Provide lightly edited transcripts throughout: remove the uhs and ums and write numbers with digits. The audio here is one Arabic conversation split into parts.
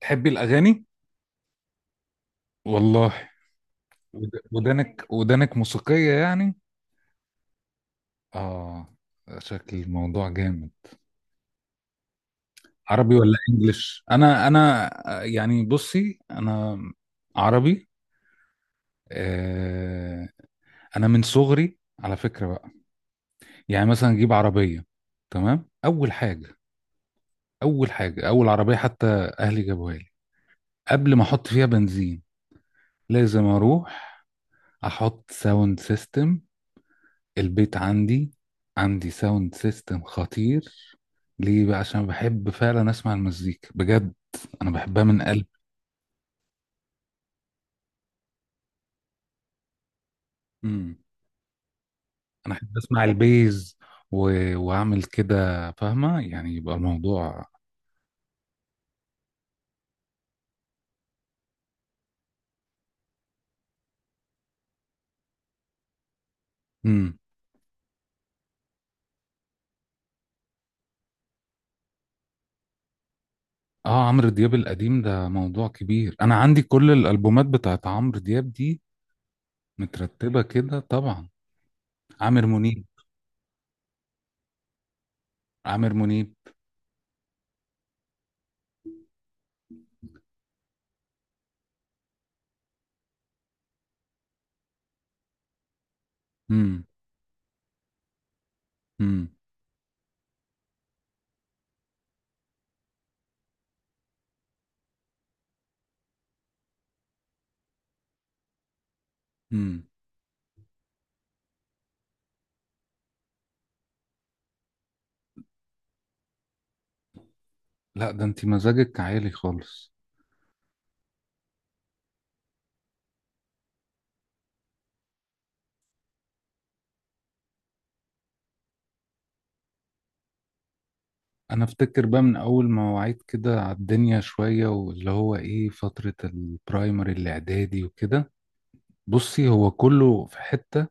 تحبي الأغاني؟ والله. ودانك موسيقية يعني؟ آه. شكل الموضوع جامد. عربي ولا إنجليش؟ أنا، يعني بصي أنا عربي. آه. أنا من صغري على فكرة بقى، يعني مثلا أجيب عربية. تمام؟ أول حاجة، أول عربية، حتى أهلي جابوها لي. قبل ما أحط فيها بنزين لازم أروح أحط ساوند سيستم. البيت عندي ساوند سيستم خطير. ليه بقى؟ عشان بحب فعلا اسمع المزيكا بجد. انا بحبها من قلبي. امم. انا احب اسمع البيز و... واعمل كده، فاهمه؟ يعني يبقى الموضوع. امم. اه، عمرو دياب القديم ده موضوع كبير، انا عندي كل الالبومات بتاعت عمرو دياب دي مترتبه كده طبعا. عامر منيب. عامر منيب. امم. امم. امم. لا، ده انت مزاجك عالي خالص. انا افتكر بقى من اول ما وعيت كده على الدنيا شوية، واللي هو ايه، فترة البرايمري الاعدادي وكده. بصي، هو كله في حتة،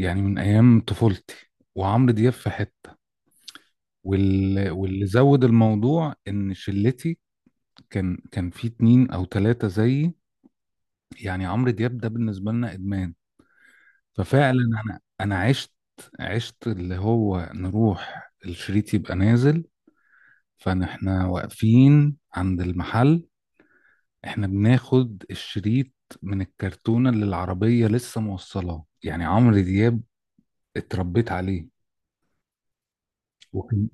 يعني من ايام طفولتي، وعمرو دياب في حتة. واللي زود الموضوع ان شلتي كان في اتنين او تلاتة زيي، يعني عمرو دياب ده بالنسبة لنا ادمان. ففعلا انا عشت، عشت اللي هو نروح الشريط يبقى نازل، فاحنا واقفين عند المحل، احنا بناخد الشريط من الكرتونة اللي العربية لسه موصلاه. يعني عمرو دياب اتربيت عليه. وكان.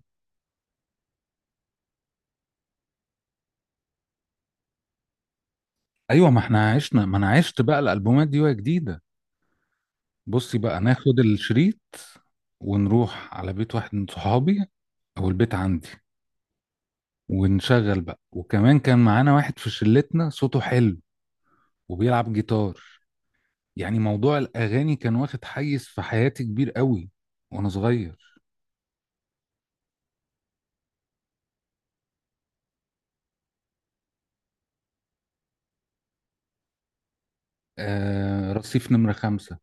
ايوه، ما احنا عشنا، ما انا عشت بقى الالبومات دي وهي جديدة. بصي بقى، ناخد الشريط ونروح على بيت واحد من صحابي، او البيت عندي، ونشغل بقى. وكمان كان معانا واحد في شلتنا صوته حلو وبيلعب جيتار. يعني موضوع الاغاني كان واخد حيز في حياتي كبير قوي وانا صغير. آه، رصيف نمرة خمسة.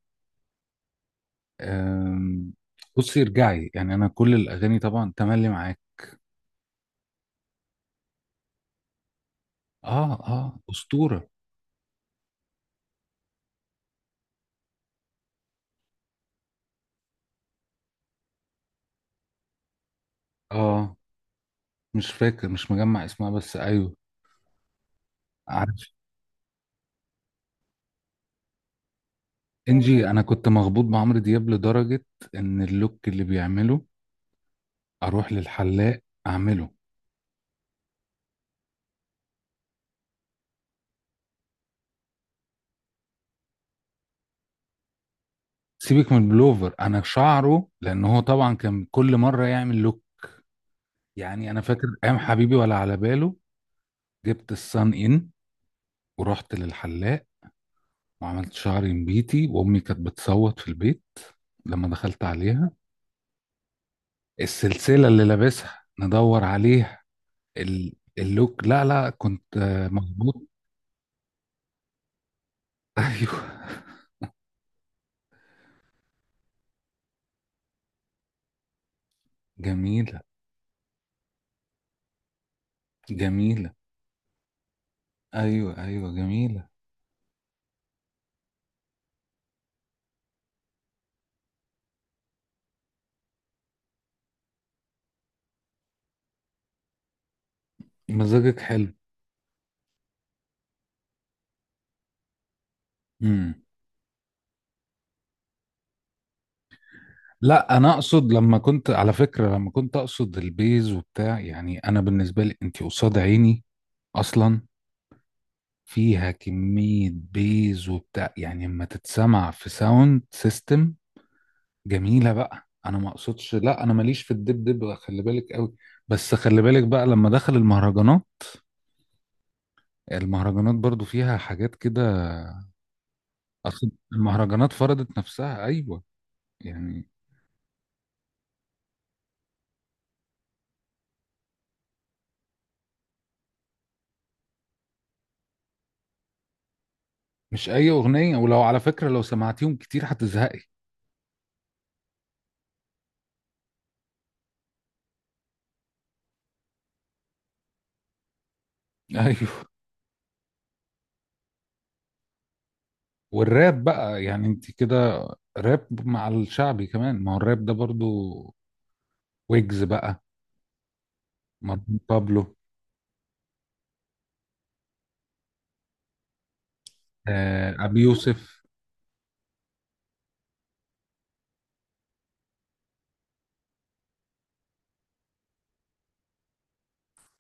أم، بصي ارجعي، يعني انا كل الاغاني طبعا تملي معاك. اه، اه، اسطوره. اه، مش فاكر، مش مجمع اسمها، بس ايوه، عارف. انجي، انا كنت مخبوط بعمرو دياب لدرجه ان اللوك اللي بيعمله اروح للحلاق اعمله. سيبك من البلوفر، انا شعره، لان هو طبعا كان كل مره يعمل لوك. يعني انا فاكر ايام حبيبي ولا على باله، جبت الصن ان ورحت للحلاق وعملت شعري نبيتي، وامي كانت بتصوت في البيت لما دخلت عليها. السلسله اللي لابسها ندور عليها. اللوك، لا لا، كنت مظبوط. ايوه. جميله. جميله. ايوه، ايوه، جميله. مزاجك حلو. امم. لا، انا اقصد لما كنت، على فكره، لما كنت اقصد البيز وبتاع، يعني انا بالنسبه لي انت قصاد عيني اصلا فيها كميه بيز وبتاع، يعني لما تتسمع في ساوند سيستم جميلة بقى. انا ما اقصدش، لا انا ماليش في الدبدب، خلي بالك قوي. بس خلي بالك بقى لما دخل المهرجانات، المهرجانات برضو فيها حاجات كده. اصل المهرجانات فرضت نفسها، ايوه، يعني. مش اي اغنية، ولو على فكرة لو سمعتيهم كتير هتزهقي. ايوه. والراب بقى، يعني انت كده، راب مع الشعبي كمان، ما هو الراب ده برضو. ويجز بقى، مروان بابلو. آه، ابي يوسف.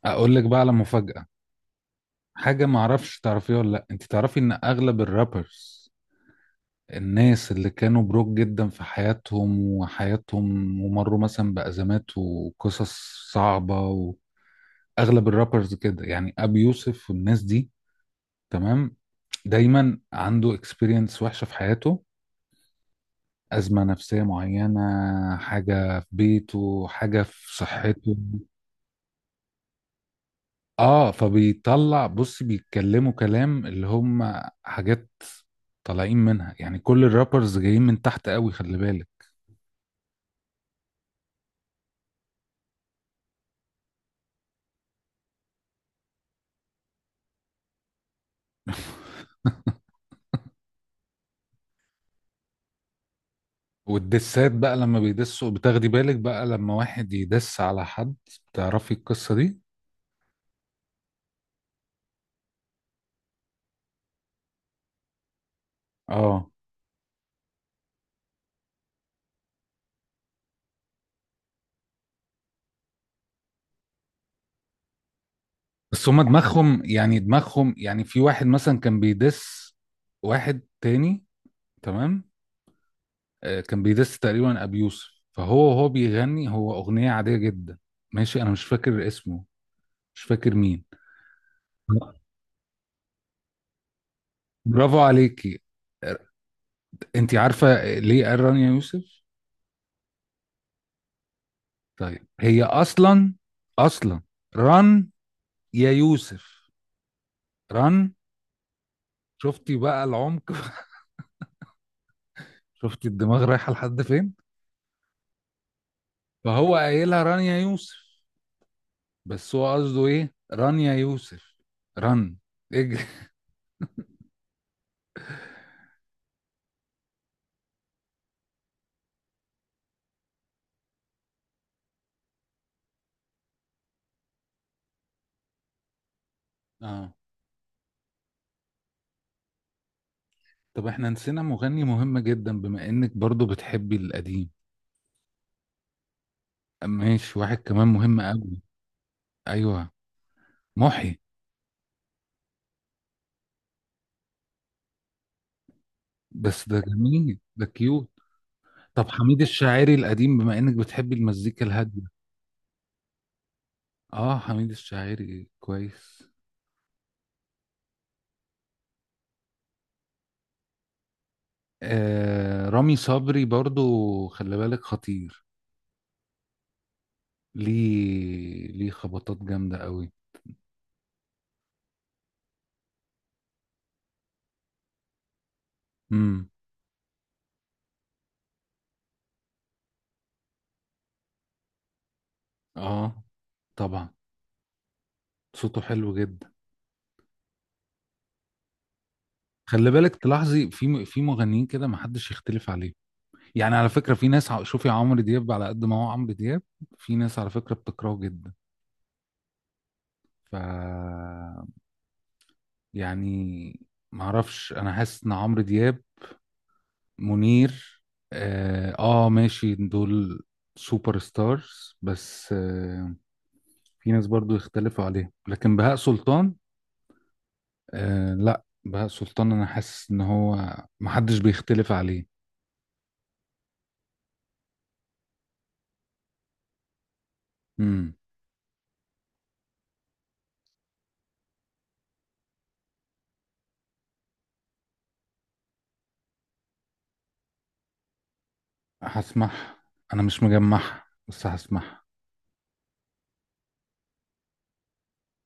اقول لك بقى على مفاجأة، حاجة معرفش تعرفيها ولا لأ، انت تعرفي ان اغلب الرابرز، الناس اللي كانوا بروك جدا في حياتهم، ومروا مثلا بأزمات وقصص صعبة، واغلب الرابرز كده، يعني ابي يوسف والناس دي، تمام، دايما عنده اكسبيرينس وحشة في حياته، أزمة نفسية معينة، حاجة في بيته، حاجة في صحته. اه، فبيطلع، بص، بيتكلموا كلام اللي هم حاجات طالعين منها، يعني كل الرابرز جايين من تحت قوي، خلي بالك. والدسات بقى، لما بيدسوا بتاخدي بالك بقى لما واحد يدس على حد، تعرفي القصة دي؟ اه، بس هما دماغهم، يعني دماغهم، يعني في واحد مثلا كان بيدس واحد تاني، تمام. آه، كان بيدس تقريبا ابي يوسف، فهو وهو بيغني هو اغنية عادية جدا ماشي. انا مش فاكر اسمه، مش فاكر مين. برافو عليكي. انت عارفه ليه قال ران يا يوسف؟ طيب، هي اصلا ران يا يوسف. ران. شفتي بقى العمق؟ شفتي الدماغ رايحه لحد فين؟ فهو قايلها ران يا يوسف، بس هو قصده ايه؟ ران يا يوسف. ران، اجري. اه. طب احنا نسينا مغني مهم جدا، بما انك برضو بتحبي القديم، ماشي، واحد كمان مهم قوي. ايوه. محي. بس ده جميل، ده كيوت. طب حميد الشاعري القديم بما انك بتحبي المزيكا الهاديه. اه، حميد الشاعري كويس. آه، رامي صبري برضو، خلي بالك، خطير. ليه خبطات جامده قوي. امم. اه، طبعا، صوته حلو جدا. خلي بالك تلاحظي، في مغنيين كده ما حدش يختلف عليه. يعني على فكره في ناس، شوفي عمرو دياب على قد ما هو عمرو دياب، في ناس على فكره بتكرهه جدا. ف، يعني معرفش، انا حاسس ان عمرو دياب، منير، اه، آه، ماشي، دول سوبر ستارز. بس في ناس برضو يختلفوا عليه، لكن بهاء سلطان، آه، لا، بهاء سلطان انا حاسس ان هو محدش بيختلف عليه. امم. هسمعها. انا مش مجمعها بس هسمعها.